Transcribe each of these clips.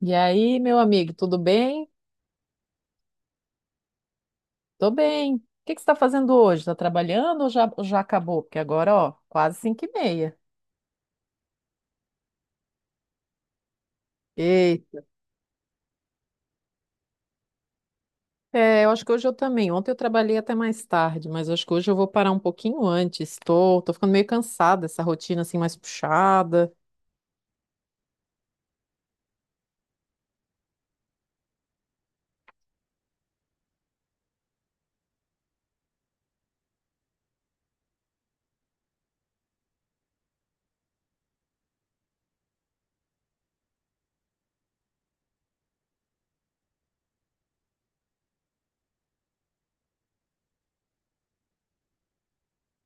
E aí, meu amigo, tudo bem? Tô bem. O que que você está fazendo hoje? Está trabalhando ou já acabou? Porque agora, ó, quase 5:30. Ei, é, eu acho que hoje eu também. Ontem eu trabalhei até mais tarde, mas acho que hoje eu vou parar um pouquinho antes. Tô ficando meio cansada, essa rotina assim mais puxada.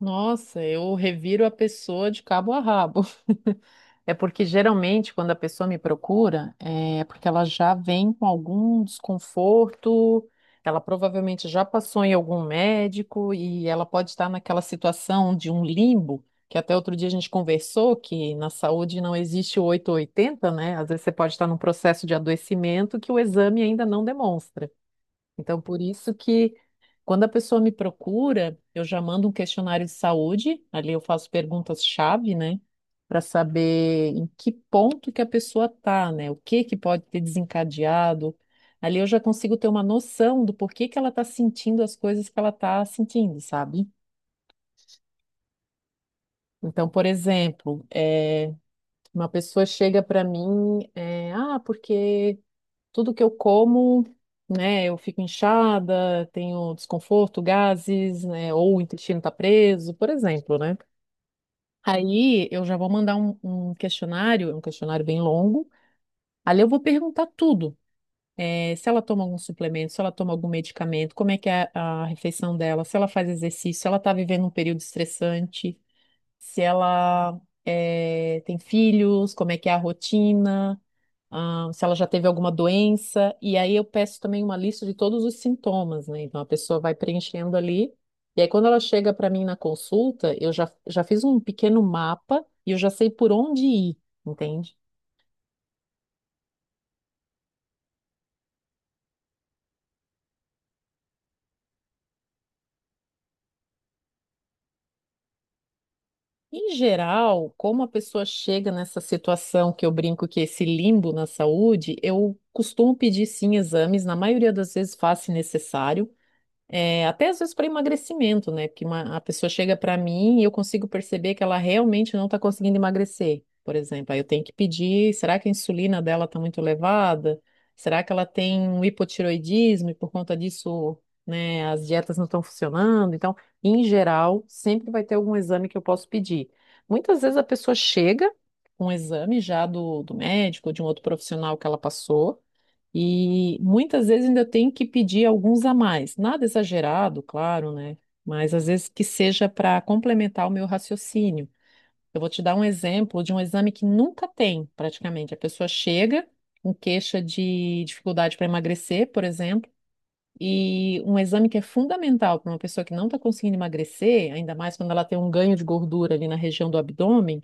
Nossa, eu reviro a pessoa de cabo a rabo. É porque geralmente quando a pessoa me procura, é porque ela já vem com algum desconforto, ela provavelmente já passou em algum médico e ela pode estar naquela situação de um limbo, que até outro dia a gente conversou que na saúde não existe o oito ou oitenta, né? Às vezes você pode estar num processo de adoecimento que o exame ainda não demonstra. Então, por isso que quando a pessoa me procura, eu já mando um questionário de saúde, ali eu faço perguntas-chave, né, para saber em que ponto que a pessoa tá, né, o que que pode ter desencadeado. Ali eu já consigo ter uma noção do porquê que ela tá sentindo as coisas que ela tá sentindo, sabe? Então, por exemplo, uma pessoa chega para mim, porque tudo que eu como, né, eu fico inchada, tenho desconforto, gases, né, ou o intestino tá preso, por exemplo, né? Aí eu já vou mandar um questionário, é um questionário bem longo. Ali eu vou perguntar tudo. Se ela toma algum suplemento, se ela toma algum medicamento, como é que é a refeição dela, se ela faz exercício, se ela está vivendo um período estressante, se ela tem filhos, como é que é a rotina, se ela já teve alguma doença, e aí eu peço também uma lista de todos os sintomas, né? Então a pessoa vai preenchendo ali, e aí quando ela chega para mim na consulta, eu já fiz um pequeno mapa e eu já sei por onde ir, entende? Em geral, como a pessoa chega nessa situação que eu brinco que é esse limbo na saúde, eu costumo pedir sim exames, na maioria das vezes faço se necessário. É, até às vezes para emagrecimento, né? Porque a pessoa chega para mim e eu consigo perceber que ela realmente não está conseguindo emagrecer, por exemplo. Aí eu tenho que pedir, será que a insulina dela está muito elevada? Será que ela tem um hipotiroidismo e por conta disso, né, as dietas não estão funcionando? Então, em geral, sempre vai ter algum exame que eu posso pedir. Muitas vezes a pessoa chega com um exame já do médico ou de um outro profissional que ela passou. E muitas vezes ainda tem que pedir alguns a mais. Nada exagerado, claro, né? Mas às vezes que seja para complementar o meu raciocínio. Eu vou te dar um exemplo de um exame que nunca tem, praticamente. A pessoa chega com queixa de dificuldade para emagrecer, por exemplo. E um exame que é fundamental para uma pessoa que não está conseguindo emagrecer, ainda mais quando ela tem um ganho de gordura ali na região do abdômen,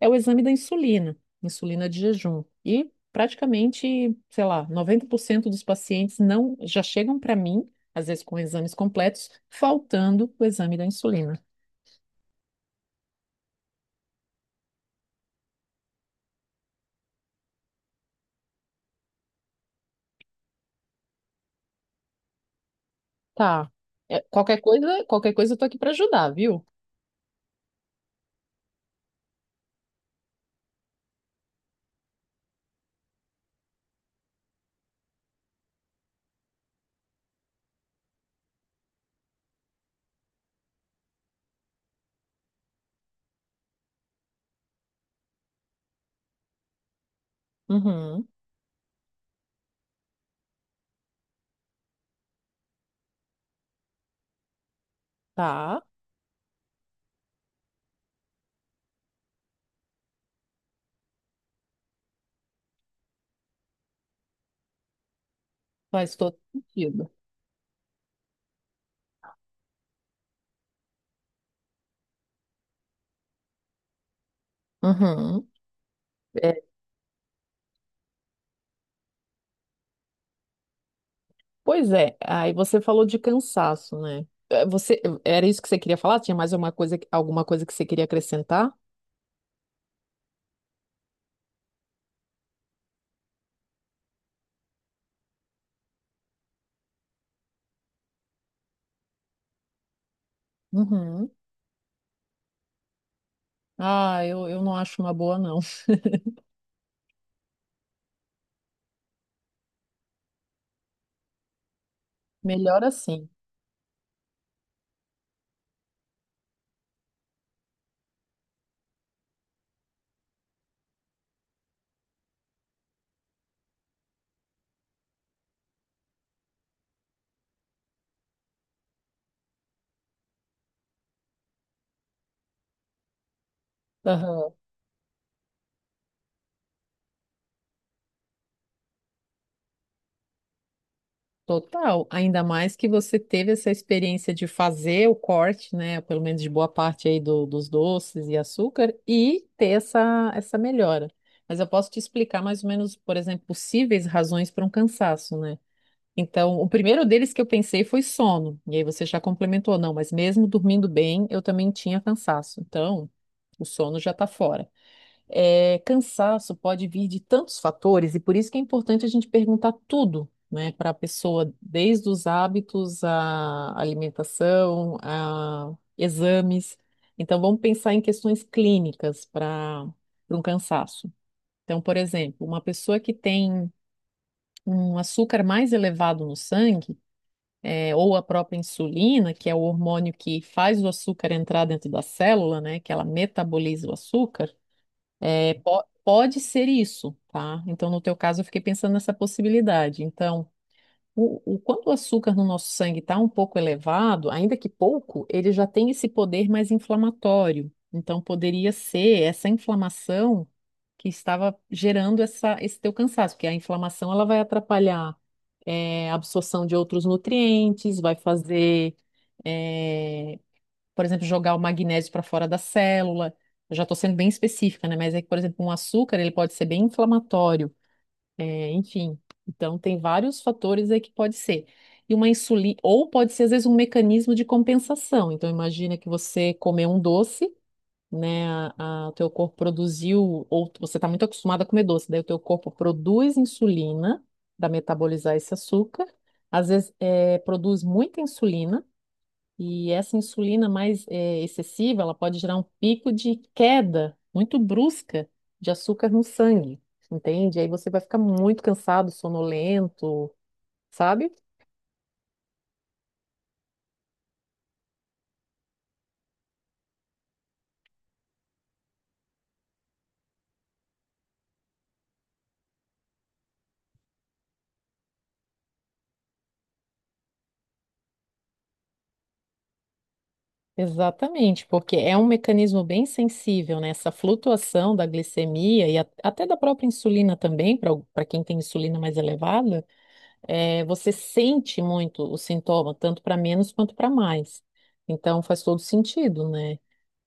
é o exame da insulina, insulina de jejum. E praticamente, sei lá, 90% dos pacientes não já chegam para mim, às vezes com exames completos, faltando o exame da insulina. Tá. É, qualquer coisa eu tô aqui para ajudar, viu? Uhum. Tá. Faz todo sentido. Uhum. Pois é, aí você falou de cansaço, né? Você, era isso que você queria falar? Tinha mais alguma coisa que você queria acrescentar? Uhum. Ah, eu não acho uma boa, não. Melhor assim. Aham. Total, ainda mais que você teve essa experiência de fazer o corte, né, pelo menos de boa parte aí dos doces e açúcar, e ter essa melhora. Mas eu posso te explicar mais ou menos, por exemplo, possíveis razões para um cansaço, né? Então, o primeiro deles que eu pensei foi sono, e aí você já complementou, não, mas mesmo dormindo bem, eu também tinha cansaço. Então, o sono já está fora. É, cansaço pode vir de tantos fatores, e por isso que é importante a gente perguntar tudo, né, para a pessoa, desde os hábitos, a alimentação, a exames. Então, vamos pensar em questões clínicas para um cansaço. Então, por exemplo, uma pessoa que tem um açúcar mais elevado no sangue, ou a própria insulina, que é o hormônio que faz o açúcar entrar dentro da célula, né, que ela metaboliza o açúcar. É, pode ser isso, tá? Então, no teu caso, eu fiquei pensando nessa possibilidade. Então, quando o açúcar no nosso sangue está um pouco elevado, ainda que pouco, ele já tem esse poder mais inflamatório. Então, poderia ser essa inflamação que estava gerando esse teu cansaço, porque a inflamação ela vai atrapalhar a absorção de outros nutrientes, vai fazer é, por exemplo, jogar o magnésio para fora da célula. Eu já estou sendo bem específica, né? Mas é que, por exemplo, um açúcar ele pode ser bem inflamatório, enfim. Então tem vários fatores aí que pode ser. E uma insulina, ou pode ser às vezes um mecanismo de compensação. Então imagina que você comer um doce, né? O teu corpo produziu, ou você está muito acostumado a comer doce, daí o teu corpo produz insulina para metabolizar esse açúcar. Às vezes produz muita insulina e essa insulina mais excessiva, ela pode gerar um pico de queda muito brusca de açúcar no sangue, entende? Aí você vai ficar muito cansado, sonolento, sabe? Exatamente, porque é um mecanismo bem sensível, né? Essa flutuação da glicemia e até da própria insulina também, para quem tem insulina mais elevada, é você sente muito o sintoma, tanto para menos quanto para mais. Então faz todo sentido, né?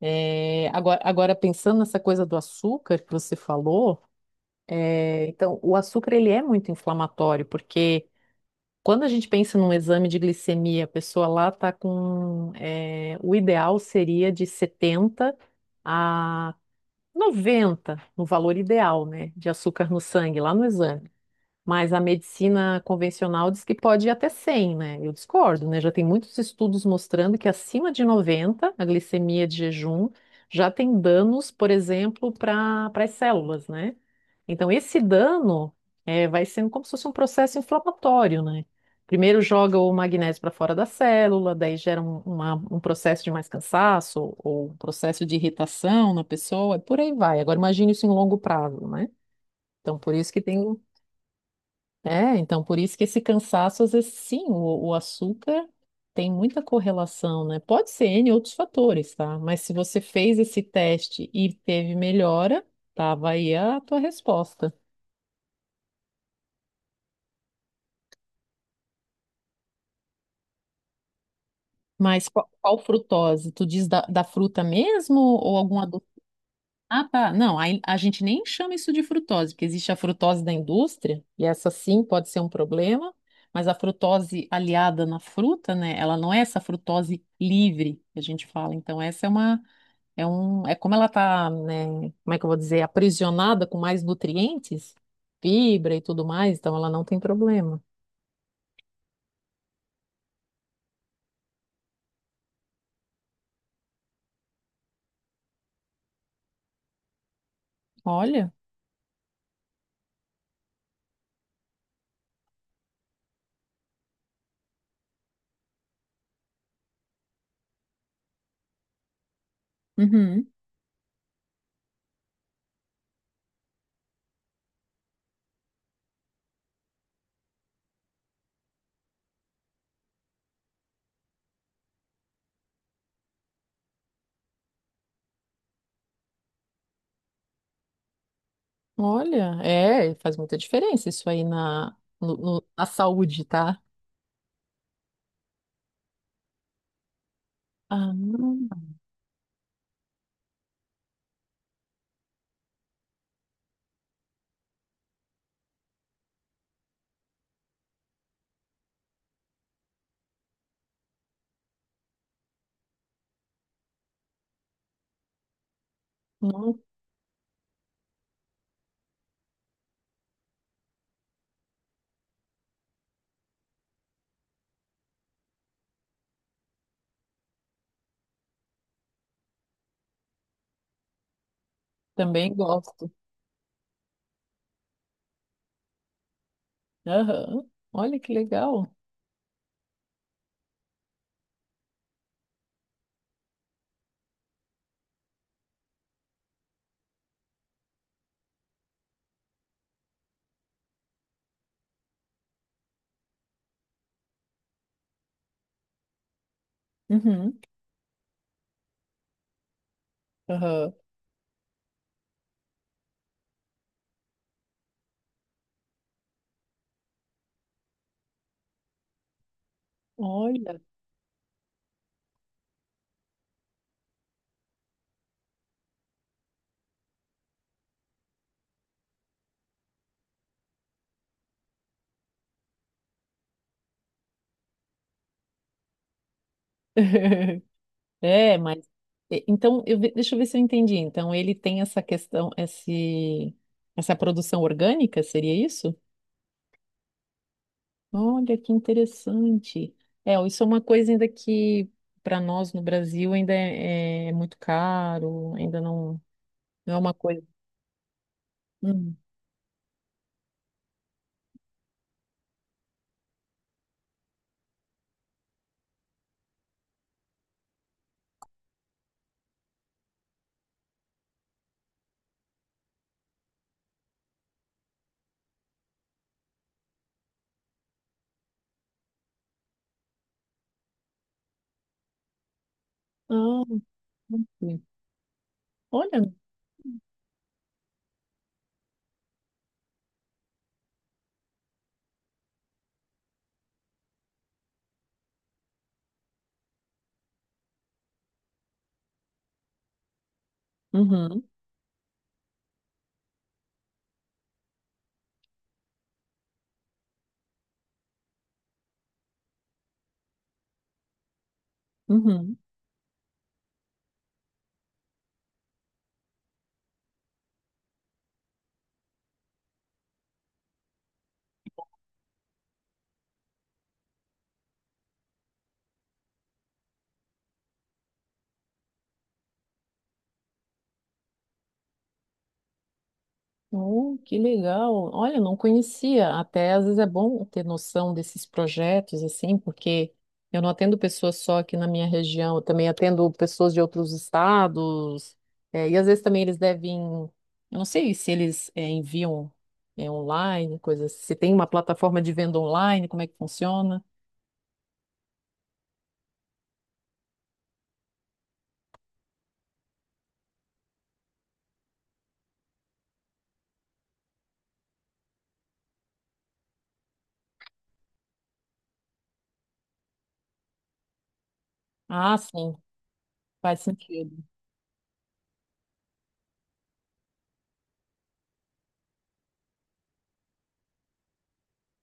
É, agora, pensando nessa coisa do açúcar que você falou, então, o açúcar ele é muito inflamatório, porque quando a gente pensa num exame de glicemia, a pessoa lá está com. O ideal seria de 70 a 90 no valor ideal, né, de açúcar no sangue, lá no exame. Mas a medicina convencional diz que pode ir até 100, né? Eu discordo, né? Já tem muitos estudos mostrando que acima de 90 a glicemia de jejum, já tem danos, por exemplo, para as células, né? Então, esse dano vai sendo como se fosse um processo inflamatório, né? Primeiro joga o magnésio para fora da célula, daí gera um processo de mais cansaço ou um processo de irritação na pessoa, e por aí vai. Agora, imagine isso em longo prazo, né? Então, por isso que tem, então por isso que esse cansaço, às vezes, sim, o açúcar tem muita correlação, né? Pode ser N outros fatores, tá? Mas se você fez esse teste e teve melhora, tava aí a tua resposta. Mas qual, qual frutose? Tu diz da fruta mesmo ou algum adoçante? Ah, tá. Não, aí a gente nem chama isso de frutose, porque existe a frutose da indústria, e essa sim pode ser um problema, mas a frutose aliada na fruta, né? Ela não é essa frutose livre que a gente fala. Então, essa é uma é um, é como ela tá, né, como é que eu vou dizer, aprisionada com mais nutrientes, fibra e tudo mais, então ela não tem problema. Olha. Uhum. Olha, faz muita diferença isso aí na, na saúde, tá? Ah, não, não, também gosto. Aham. Olha que legal. Uhum. Aham. Olha. É, mas então deixa eu ver se eu entendi. Então ele tem essa questão, essa produção orgânica, seria isso? Olha que interessante. É, isso é uma coisa ainda que para nós no Brasil ainda é muito caro, ainda não, não é uma coisa. Hum. Ah, ok. Olha. Uhum, uhum. Oh, que legal. Olha, não conhecia. Até às vezes é bom ter noção desses projetos, assim, porque eu não atendo pessoas só aqui na minha região, eu também atendo pessoas de outros estados. E às vezes também eles devem, eu não sei se eles enviam é online, coisas. Se tem uma plataforma de venda online, como é que funciona? Ah, sim, faz sentido.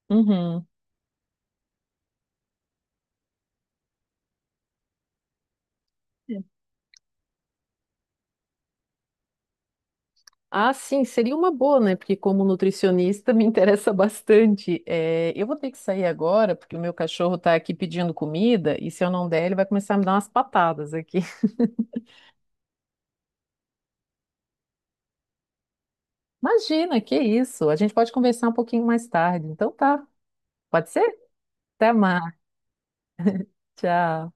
Uhum. Ah, sim, seria uma boa, né? Porque como nutricionista me interessa bastante. É, eu vou ter que sair agora, porque o meu cachorro está aqui pedindo comida, e se eu não der, ele vai começar a me dar umas patadas aqui. Imagina, que isso? A gente pode conversar um pouquinho mais tarde. Então tá, pode ser? Até mais, tchau.